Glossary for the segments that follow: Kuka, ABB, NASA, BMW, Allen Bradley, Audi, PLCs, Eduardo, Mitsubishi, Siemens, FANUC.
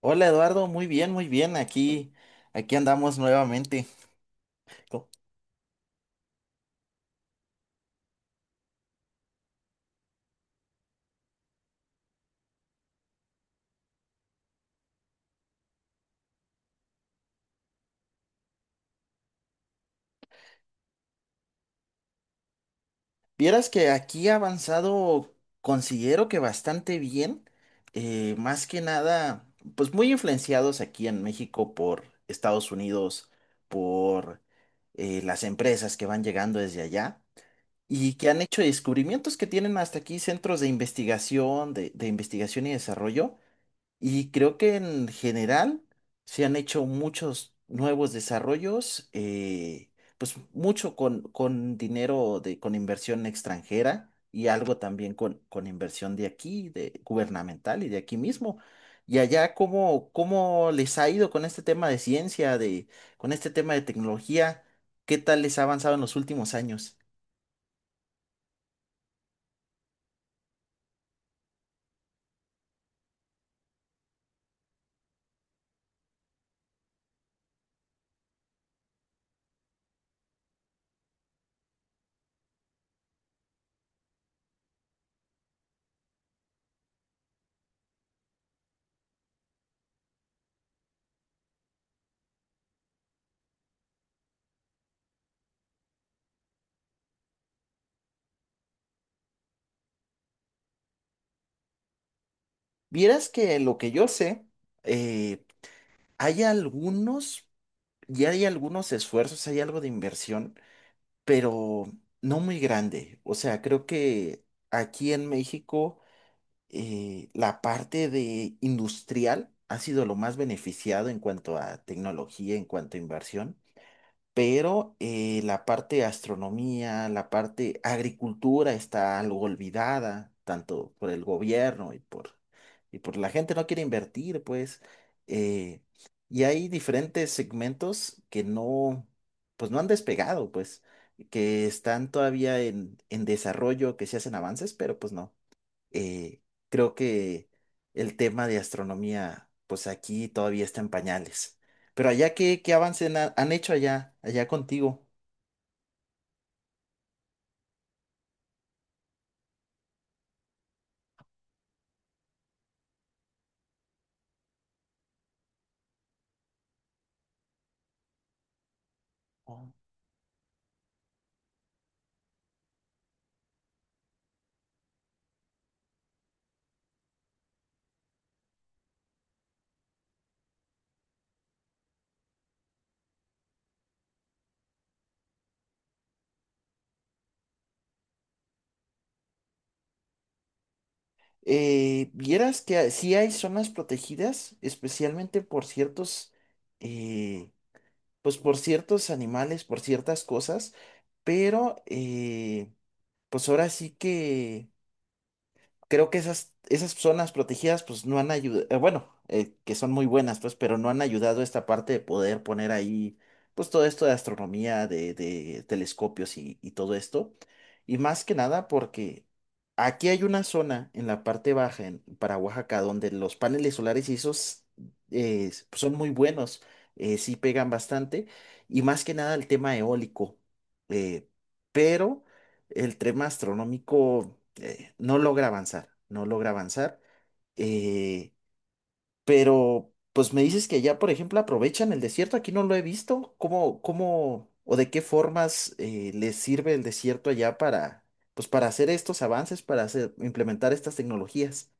Hola Eduardo, muy bien, muy bien. Aquí andamos nuevamente. Co- Vieras que aquí ha avanzado, considero que bastante bien. Más que nada, pues muy influenciados aquí en México por Estados Unidos, por las empresas que van llegando desde allá y que han hecho descubrimientos, que tienen hasta aquí centros de investigación, de investigación y desarrollo. Y creo que en general se han hecho muchos nuevos desarrollos, pues mucho con dinero con inversión extranjera y algo también con inversión de aquí, de gubernamental y de aquí mismo. Y allá, ¿cómo les ha ido con este tema de ciencia, con este tema de tecnología? ¿Qué tal les ha avanzado en los últimos años? Vieras que lo que yo sé, eh, hay algunos ya hay algunos esfuerzos, hay algo de inversión, pero no muy grande. O sea, creo que aquí en México la parte de industrial ha sido lo más beneficiado en cuanto a tecnología, en cuanto a inversión. Pero la parte de astronomía, la parte agricultura está algo olvidada, tanto por el gobierno y y por la gente no quiere invertir, pues. eh, y hay diferentes segmentos que no, pues no han despegado, pues, que están todavía en, desarrollo, que se hacen avances, pero pues no. eh, Creo que el tema de astronomía, pues aquí todavía está en pañales. Pero allá, ¿qué avance han hecho allá, allá contigo? Oh. Vieras que sí hay zonas protegidas, especialmente eh, pues por ciertos animales, por ciertas cosas, pero pues ahora sí que creo que esas zonas protegidas pues no han ayudado. Bueno, que son muy buenas, pues, pero no han ayudado a esta parte de poder poner ahí pues todo esto de astronomía, de telescopios y todo esto. Y más que nada porque aquí hay una zona en la parte baja, para Oaxaca, donde los paneles solares y esos pues, son muy buenos. Sí pegan bastante, y más que nada el tema eólico. eh, pero el tema astronómico no logra avanzar, no logra avanzar. eh, pero, pues me dices que allá, por ejemplo, aprovechan el desierto, aquí no lo he visto. ¿Cómo o de qué formas les sirve el desierto allá para hacer estos avances, implementar estas tecnologías?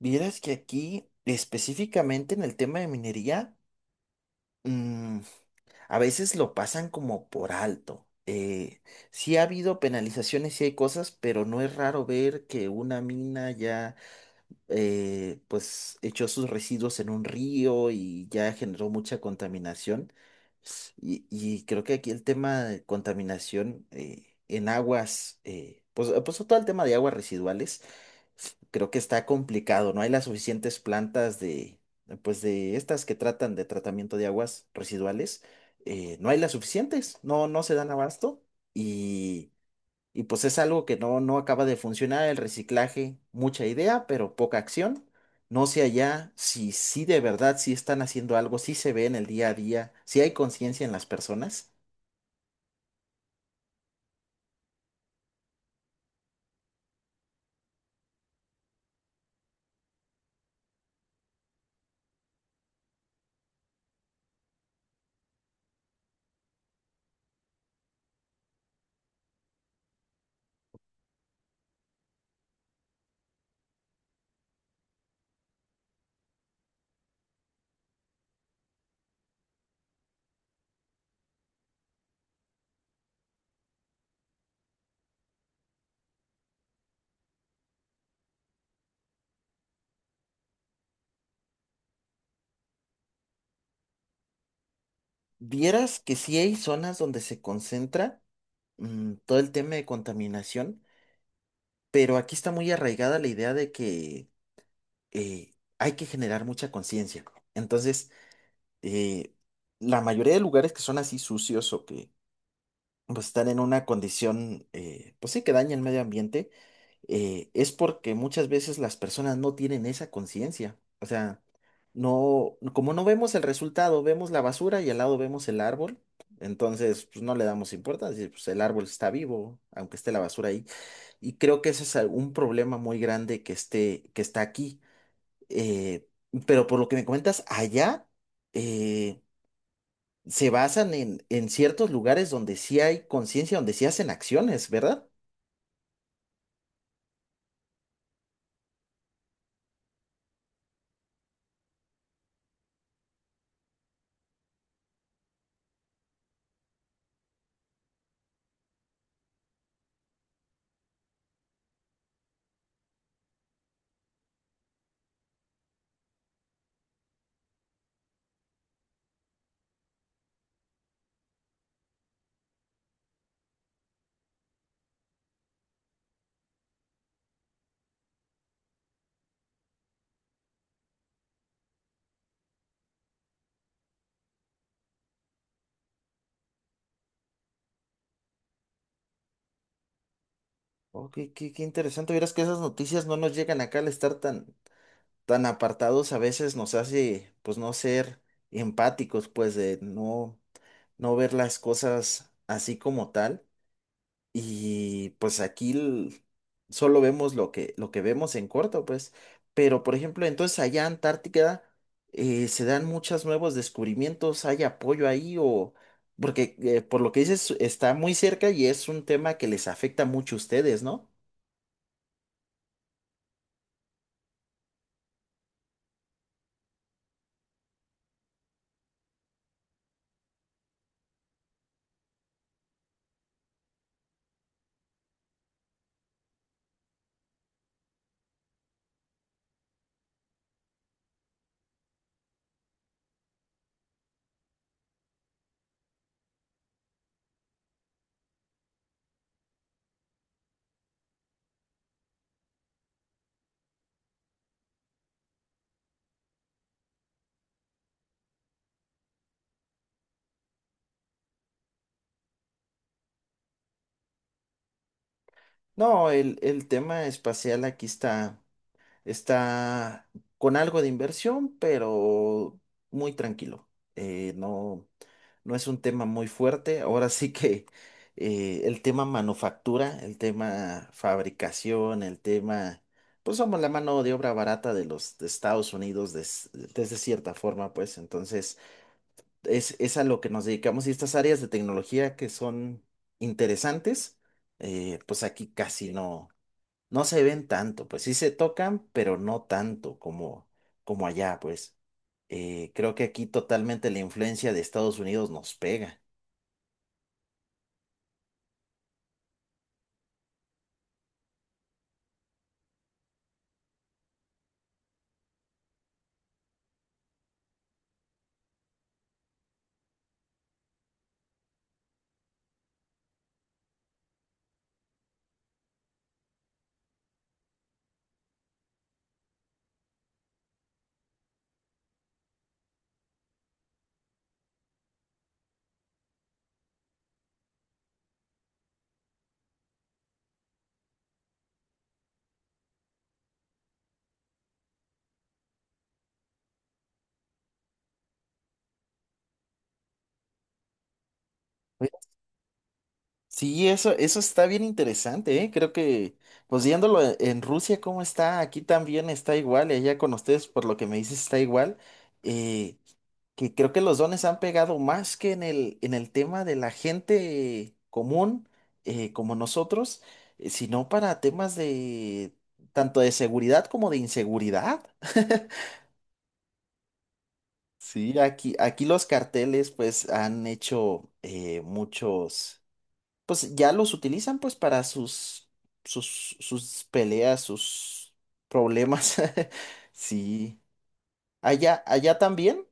Vieras que aquí, específicamente en el tema de minería, mm, a veces lo pasan como por alto. Sí ha habido penalizaciones, sí hay cosas, pero no es raro ver que una mina ya pues echó sus residuos en un río y ya generó mucha contaminación. Y creo que aquí el tema de contaminación en aguas, pues todo el tema de aguas residuales, creo que está complicado. No hay las suficientes plantas pues de estas que tratan de tratamiento de aguas residuales. No hay las suficientes, no se dan abasto, y pues es algo que no acaba de funcionar. El reciclaje, mucha idea, pero poca acción. No sé allá si sí de verdad, si están haciendo algo, si se ve en el día a día, si hay conciencia en las personas. Vieras que sí hay zonas donde se concentra todo el tema de contaminación, pero aquí está muy arraigada la idea de que hay que generar mucha conciencia. Entonces, eh, la mayoría de lugares que son así sucios o que pues están en una condición, pues sí, que daña el medio ambiente, es porque muchas veces las personas no tienen esa conciencia. O sea, no, como no vemos el resultado, vemos la basura y al lado vemos el árbol, entonces pues no le damos importancia, pues el árbol está vivo, aunque esté la basura ahí. Y creo que ese es un problema muy grande que está aquí. Eh, pero por lo que me comentas, allá, eh, se basan en, ciertos lugares donde sí hay conciencia, donde sí hacen acciones, ¿verdad? Oh, qué interesante. Verás que esas noticias no nos llegan acá al estar tan, tan apartados. A veces nos hace, pues, no ser empáticos, pues, de no, ver las cosas así como tal. Y pues aquí solo vemos lo que vemos en corto, pues. Pero, por ejemplo, entonces allá en Antártica se dan muchos nuevos descubrimientos, hay apoyo ahí o... Porque por lo que dices, está muy cerca y es un tema que les afecta mucho a ustedes, ¿no? No, el tema espacial aquí está con algo de inversión, pero muy tranquilo. Eh, no. No es un tema muy fuerte. Ahora sí que el tema manufactura, el tema fabricación, pues somos la mano de obra barata de los de Estados Unidos, desde cierta forma, pues entonces es a lo que nos dedicamos, y estas áreas de tecnología que son interesantes, pues aquí casi no, se ven tanto, pues sí se tocan, pero no tanto como allá, pues. Creo que aquí totalmente la influencia de Estados Unidos nos pega. Oye, sí, eso está bien interesante, ¿eh? Creo que, pues viéndolo en Rusia, cómo está, aquí también está igual, y allá con ustedes, por lo que me dices, está igual. eh, que creo que los dones han pegado más que en el tema de la gente común, como nosotros, sino para temas de tanto de seguridad como de inseguridad. Sí, aquí los carteles pues han hecho muchos. Pues ya los utilizan pues para sus peleas, sus problemas. Sí. Allá, allá también.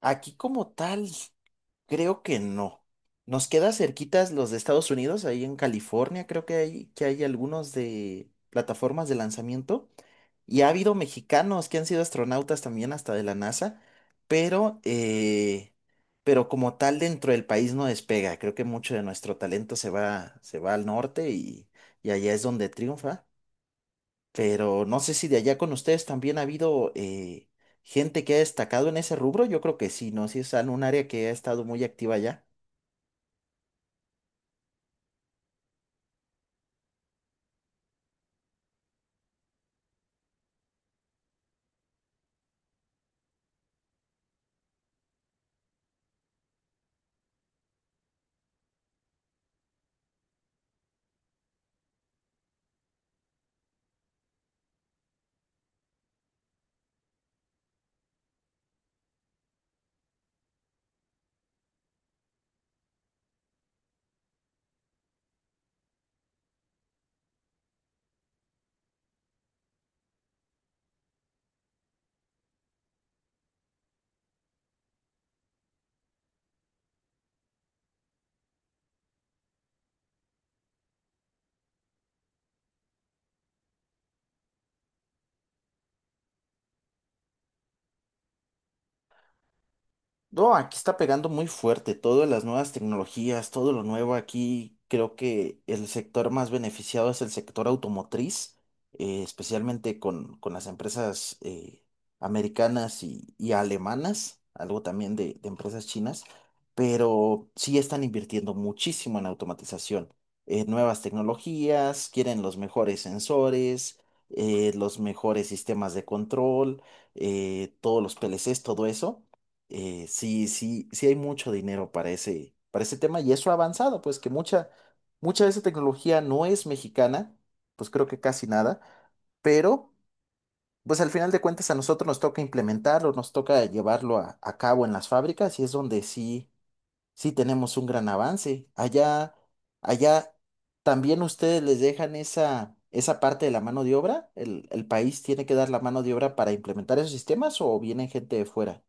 Aquí como tal, creo que no. Nos queda cerquitas los de Estados Unidos, ahí en California, creo que que hay algunos de plataformas de lanzamiento. Y ha habido mexicanos que han sido astronautas también hasta de la NASA, pero, eh, pero como tal dentro del país no despega. Creo que mucho de nuestro talento se va, al norte, y allá es donde triunfa. Pero no sé si de allá con ustedes también ha habido gente que ha destacado en ese rubro. Yo creo que sí, ¿no? Si es en un área que ha estado muy activa allá. No, aquí está pegando muy fuerte todas las nuevas tecnologías, todo lo nuevo aquí. Creo que el sector más beneficiado es el sector automotriz, especialmente con las empresas americanas y alemanas, algo también de empresas chinas, pero sí están invirtiendo muchísimo en automatización. Nuevas tecnologías, quieren los mejores sensores, los mejores sistemas de control, todos los PLCs, todo eso. Sí, sí, sí hay mucho dinero para ese tema, y eso ha avanzado, pues que mucha de esa tecnología no es mexicana, pues creo que casi nada, pero pues al final de cuentas a nosotros nos toca implementarlo, nos toca llevarlo a cabo en las fábricas, y es donde sí, sí tenemos un gran avance. Allá, allá también ustedes les dejan esa parte de la mano de obra, el país tiene que dar la mano de obra para implementar esos sistemas, o vienen gente de fuera.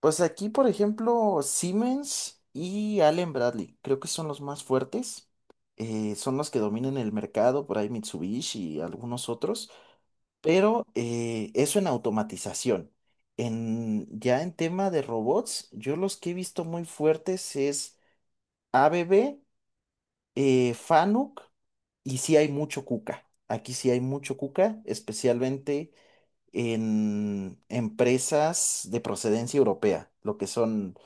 Pues aquí, por ejemplo, Siemens y Allen Bradley, creo que son los más fuertes. Son los que dominan el mercado, por ahí Mitsubishi y algunos otros. Pero eso en automatización. Ya en tema de robots, yo los que he visto muy fuertes es ABB, FANUC, y sí hay mucho Kuka. Aquí sí hay mucho Kuka, especialmente en empresas de procedencia europea, lo que son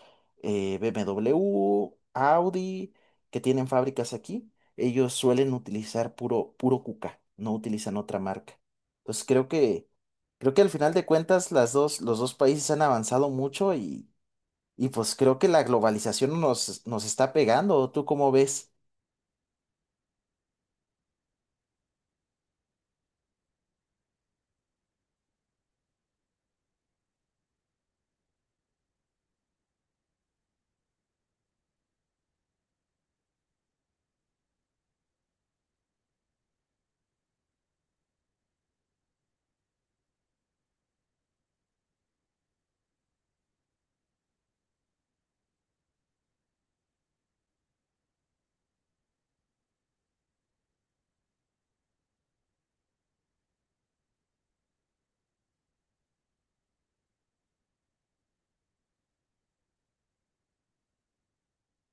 BMW, Audi, que tienen fábricas aquí. Ellos suelen utilizar puro, puro Kuka, no utilizan otra marca. Entonces creo que al final de cuentas los dos países han avanzado mucho, y pues creo que la globalización nos está pegando. ¿Tú cómo ves?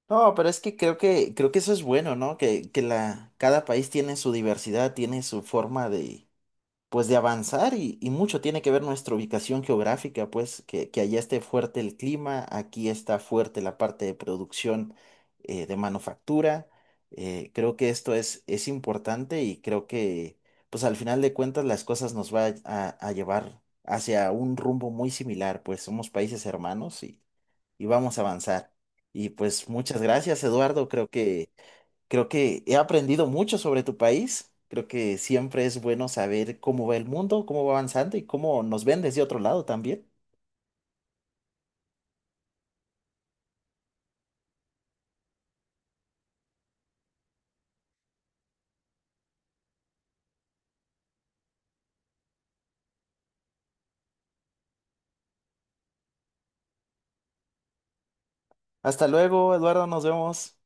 No, pero es que creo que eso es bueno, ¿no? Que cada país tiene su diversidad, tiene su forma pues de avanzar, y mucho tiene que ver nuestra ubicación geográfica, pues que allá esté fuerte el clima, aquí está fuerte la parte de producción de manufactura. Creo que esto es importante, y creo que pues al final de cuentas las cosas nos va a llevar hacia un rumbo muy similar, pues somos países hermanos, y vamos a avanzar. Y pues muchas gracias, Eduardo, creo que... Creo que he aprendido mucho sobre tu país. Creo que siempre es bueno saber cómo va el mundo, cómo va avanzando, y cómo nos ven desde otro lado también. Hasta luego, Eduardo, nos vemos.